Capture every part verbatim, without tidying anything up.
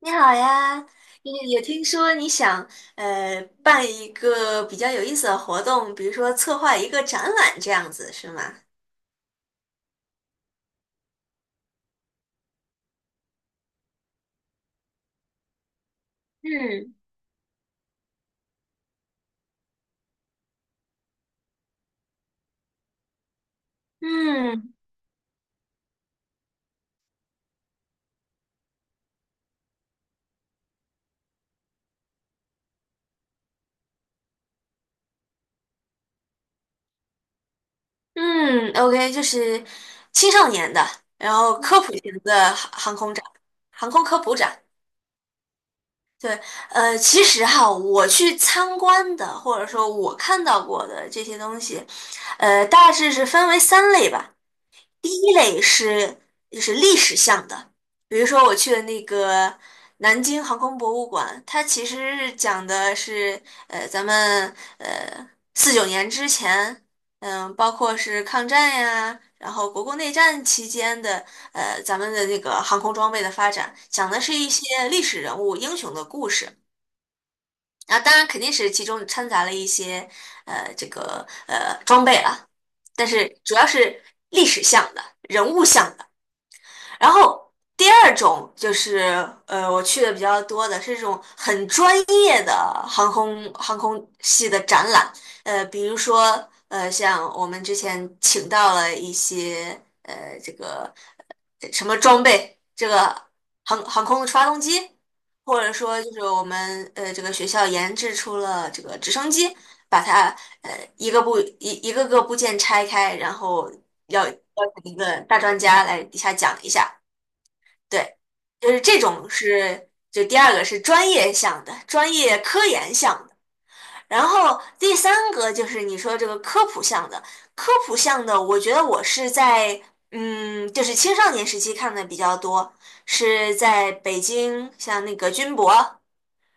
你好呀，也也听说你想呃办一个比较有意思的活动，比如说策划一个展览这样子，是吗？嗯嗯嗯，OK,就是青少年的，然后科普型的航航空展，航空科普展。对，呃，其实哈，我去参观的，或者说我看到过的这些东西，呃，大致是分为三类吧。第一类是就是历史向的，比如说我去的那个南京航空博物馆，它其实是讲的是呃咱们呃四九年之前，嗯、包括是抗战呀，然后国共内战期间的呃咱们的那个航空装备的发展，讲的是一些历史人物英雄的故事。啊，当然肯定是其中掺杂了一些呃这个呃装备了，但是主要是历史向的、人物向的。然后第二种就是，呃，我去的比较多的是这种很专业的航空航空系的展览，呃，比如说，呃，像我们之前请到了一些，呃，这个呃什么装备，这个航航空的发动机，或者说就是我们呃这个学校研制出了这个直升机，把它呃一个部一一个个部件拆开，然后要。邀请一个大专家来底下讲一下，对，就是这种是，就第二个是专业项的，专业科研项的。然后第三个就是你说这个科普项的，科普项的，我觉得我是在嗯，就是青少年时期看的比较多，是在北京，像那个军博。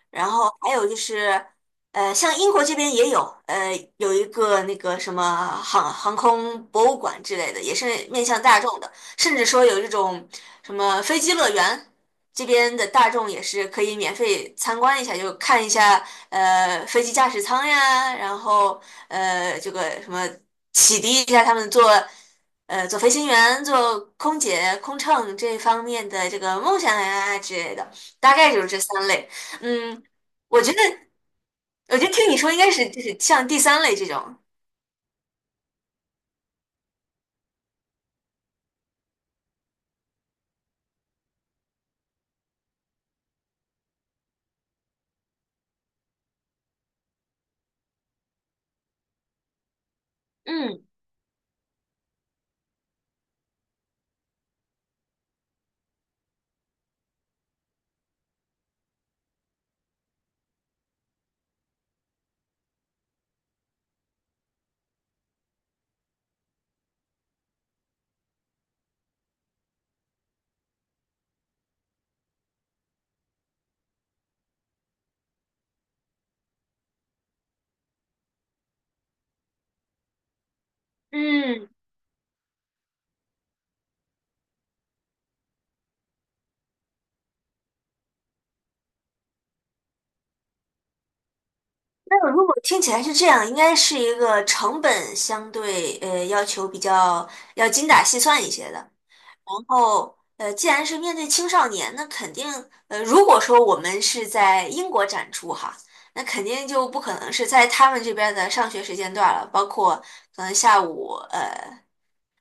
然后还有就是，呃，像英国这边也有，呃，有一个那个什么航航空博物馆之类的，也是面向大众的，甚至说有这种什么飞机乐园，这边的大众也是可以免费参观一下，就看一下呃飞机驾驶舱呀，然后呃这个什么启迪一下他们做。呃，做飞行员、做空姐、空乘这方面的这个梦想呀之类的，大概就是这三类。嗯，我觉得，我觉得听你说应该是就是像第三类这种。嗯嗯，那如果听起来是这样，应该是一个成本相对呃要求比较要精打细算一些的。然后呃，既然是面对青少年，那肯定呃，如果说我们是在英国展出哈，那肯定就不可能是在他们这边的上学时间段了，包括可能下午呃。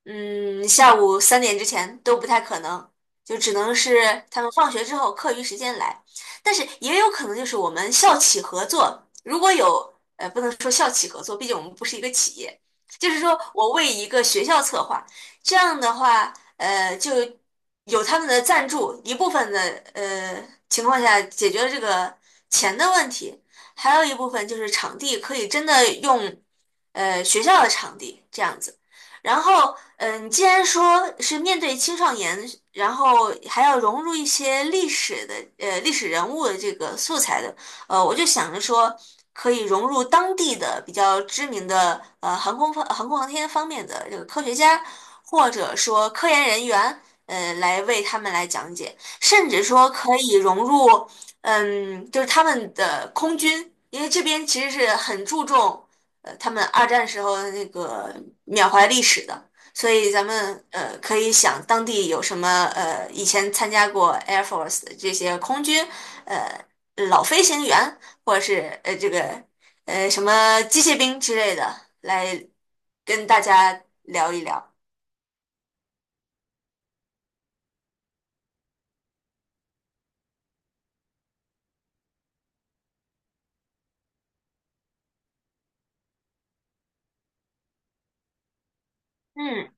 嗯，下午三点之前都不太可能，就只能是他们放学之后课余时间来。但是也有可能就是我们校企合作，如果有，呃，不能说校企合作，毕竟我们不是一个企业，就是说我为一个学校策划，这样的话，呃，就有他们的赞助，一部分的呃情况下解决了这个钱的问题，还有一部分就是场地可以真的用，呃，学校的场地这样子。然后，嗯，既然说是面对青少年，然后还要融入一些历史的，呃，历史人物的这个素材的，呃，我就想着说，可以融入当地的比较知名的，呃，航空方、航空航天方面的这个科学家，或者说科研人员，呃，来为他们来讲解，甚至说可以融入，嗯，就是他们的空军，因为这边其实是很注重。呃他们二战时候的那个缅怀历史的，所以咱们呃可以想当地有什么呃以前参加过 Air Force 的这些空军呃老飞行员，或者是呃这个呃什么机械兵之类的，来跟大家聊一聊。嗯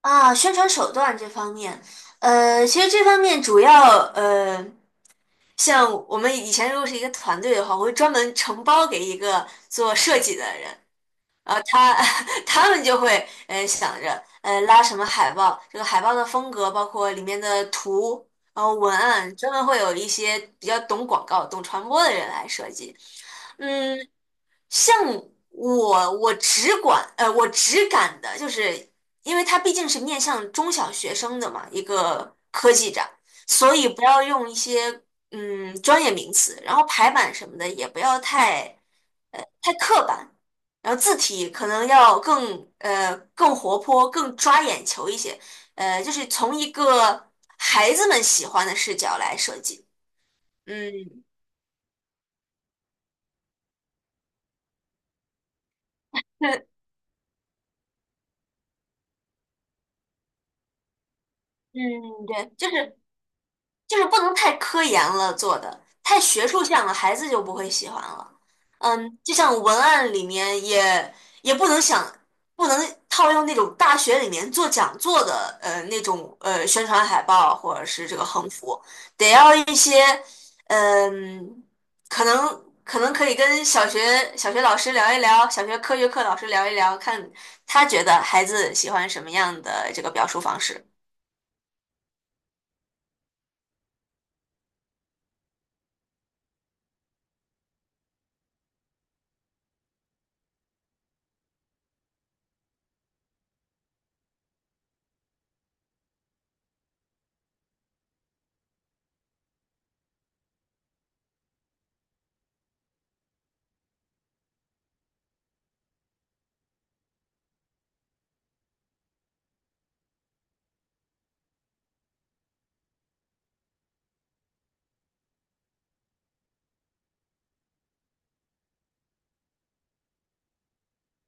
啊，宣传手段这方面，呃，其实这方面主要呃，像我们以前如果是一个团队的话，我会专门承包给一个做设计的人，然后他 他们就会呃想着呃拉什么海报，这个海报的风格，包括里面的图，然后文案，专门会有一些比较懂广告、懂传播的人来设计。嗯，像我，我只管呃我只敢的就是，因为它毕竟是面向中小学生的嘛，一个科技展，所以不要用一些嗯专业名词，然后排版什么的也不要太。太刻板，然后字体可能要更呃更活泼、更抓眼球一些，呃，就是从一个孩子们喜欢的视角来设计。嗯，对，嗯，对，就是就是不能太科研了做的，太学术向了，孩子就不会喜欢了。嗯，就像文案里面也也不能想，不能套用那种大学里面做讲座的呃那种呃宣传海报或者是这个横幅，得要一些嗯、可能可能可以跟小学小学老师聊一聊，小学科学课老师聊一聊，看他觉得孩子喜欢什么样的这个表述方式。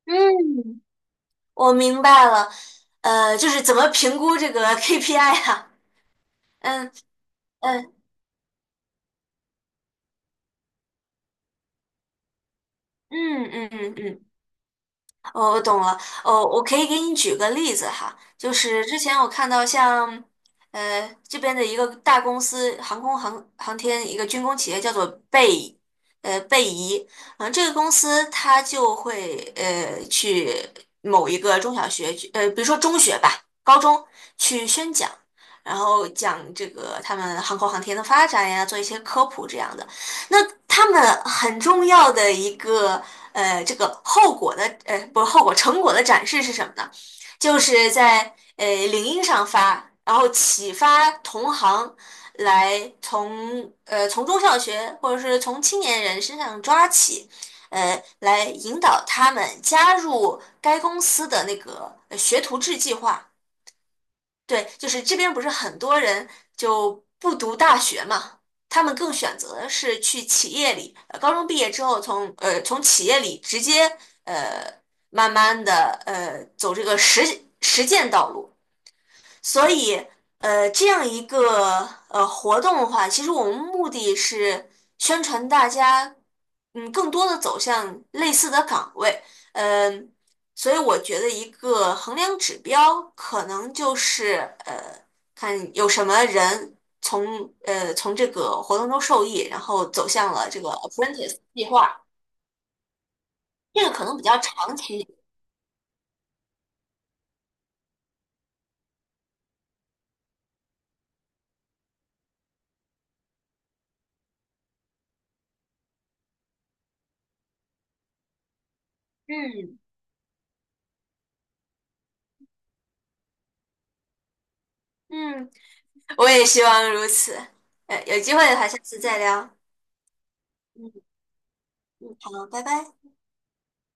嗯，我明白了，呃，就是怎么评估这个 K P I 啊？嗯嗯嗯嗯嗯嗯，哦，我懂了。哦，我可以给你举个例子哈，就是之前我看到像，呃，这边的一个大公司，航空航航天一个军工企业叫做贝，呃，贝仪，嗯、这个公司它就会呃去某一个中小学去，呃，比如说中学吧，高中去宣讲，然后讲这个他们航空航天的发展呀，做一些科普这样的。那他们很重要的一个呃，这个后果的呃，不是后果，成果的展示是什么呢？就是在呃领英上发，然后启发同行来从呃从中小学或者是从青年人身上抓起，呃，来引导他们加入该公司的那个呃学徒制计划。对，就是这边不是很多人就不读大学嘛，他们更选择的是去企业里，呃高中毕业之后从呃从企业里直接呃慢慢的呃走这个实实践道路。所以，呃，这样一个呃活动的话，其实我们目的是宣传大家，嗯，更多的走向类似的岗位，嗯，所以我觉得一个衡量指标可能就是呃，看有什么人从呃从这个活动中受益，然后走向了这个 apprentice 计划，这个可能比较长期。嗯嗯，我也希望如此。呃，有机会的话，下次再聊。嗯嗯，好，拜拜。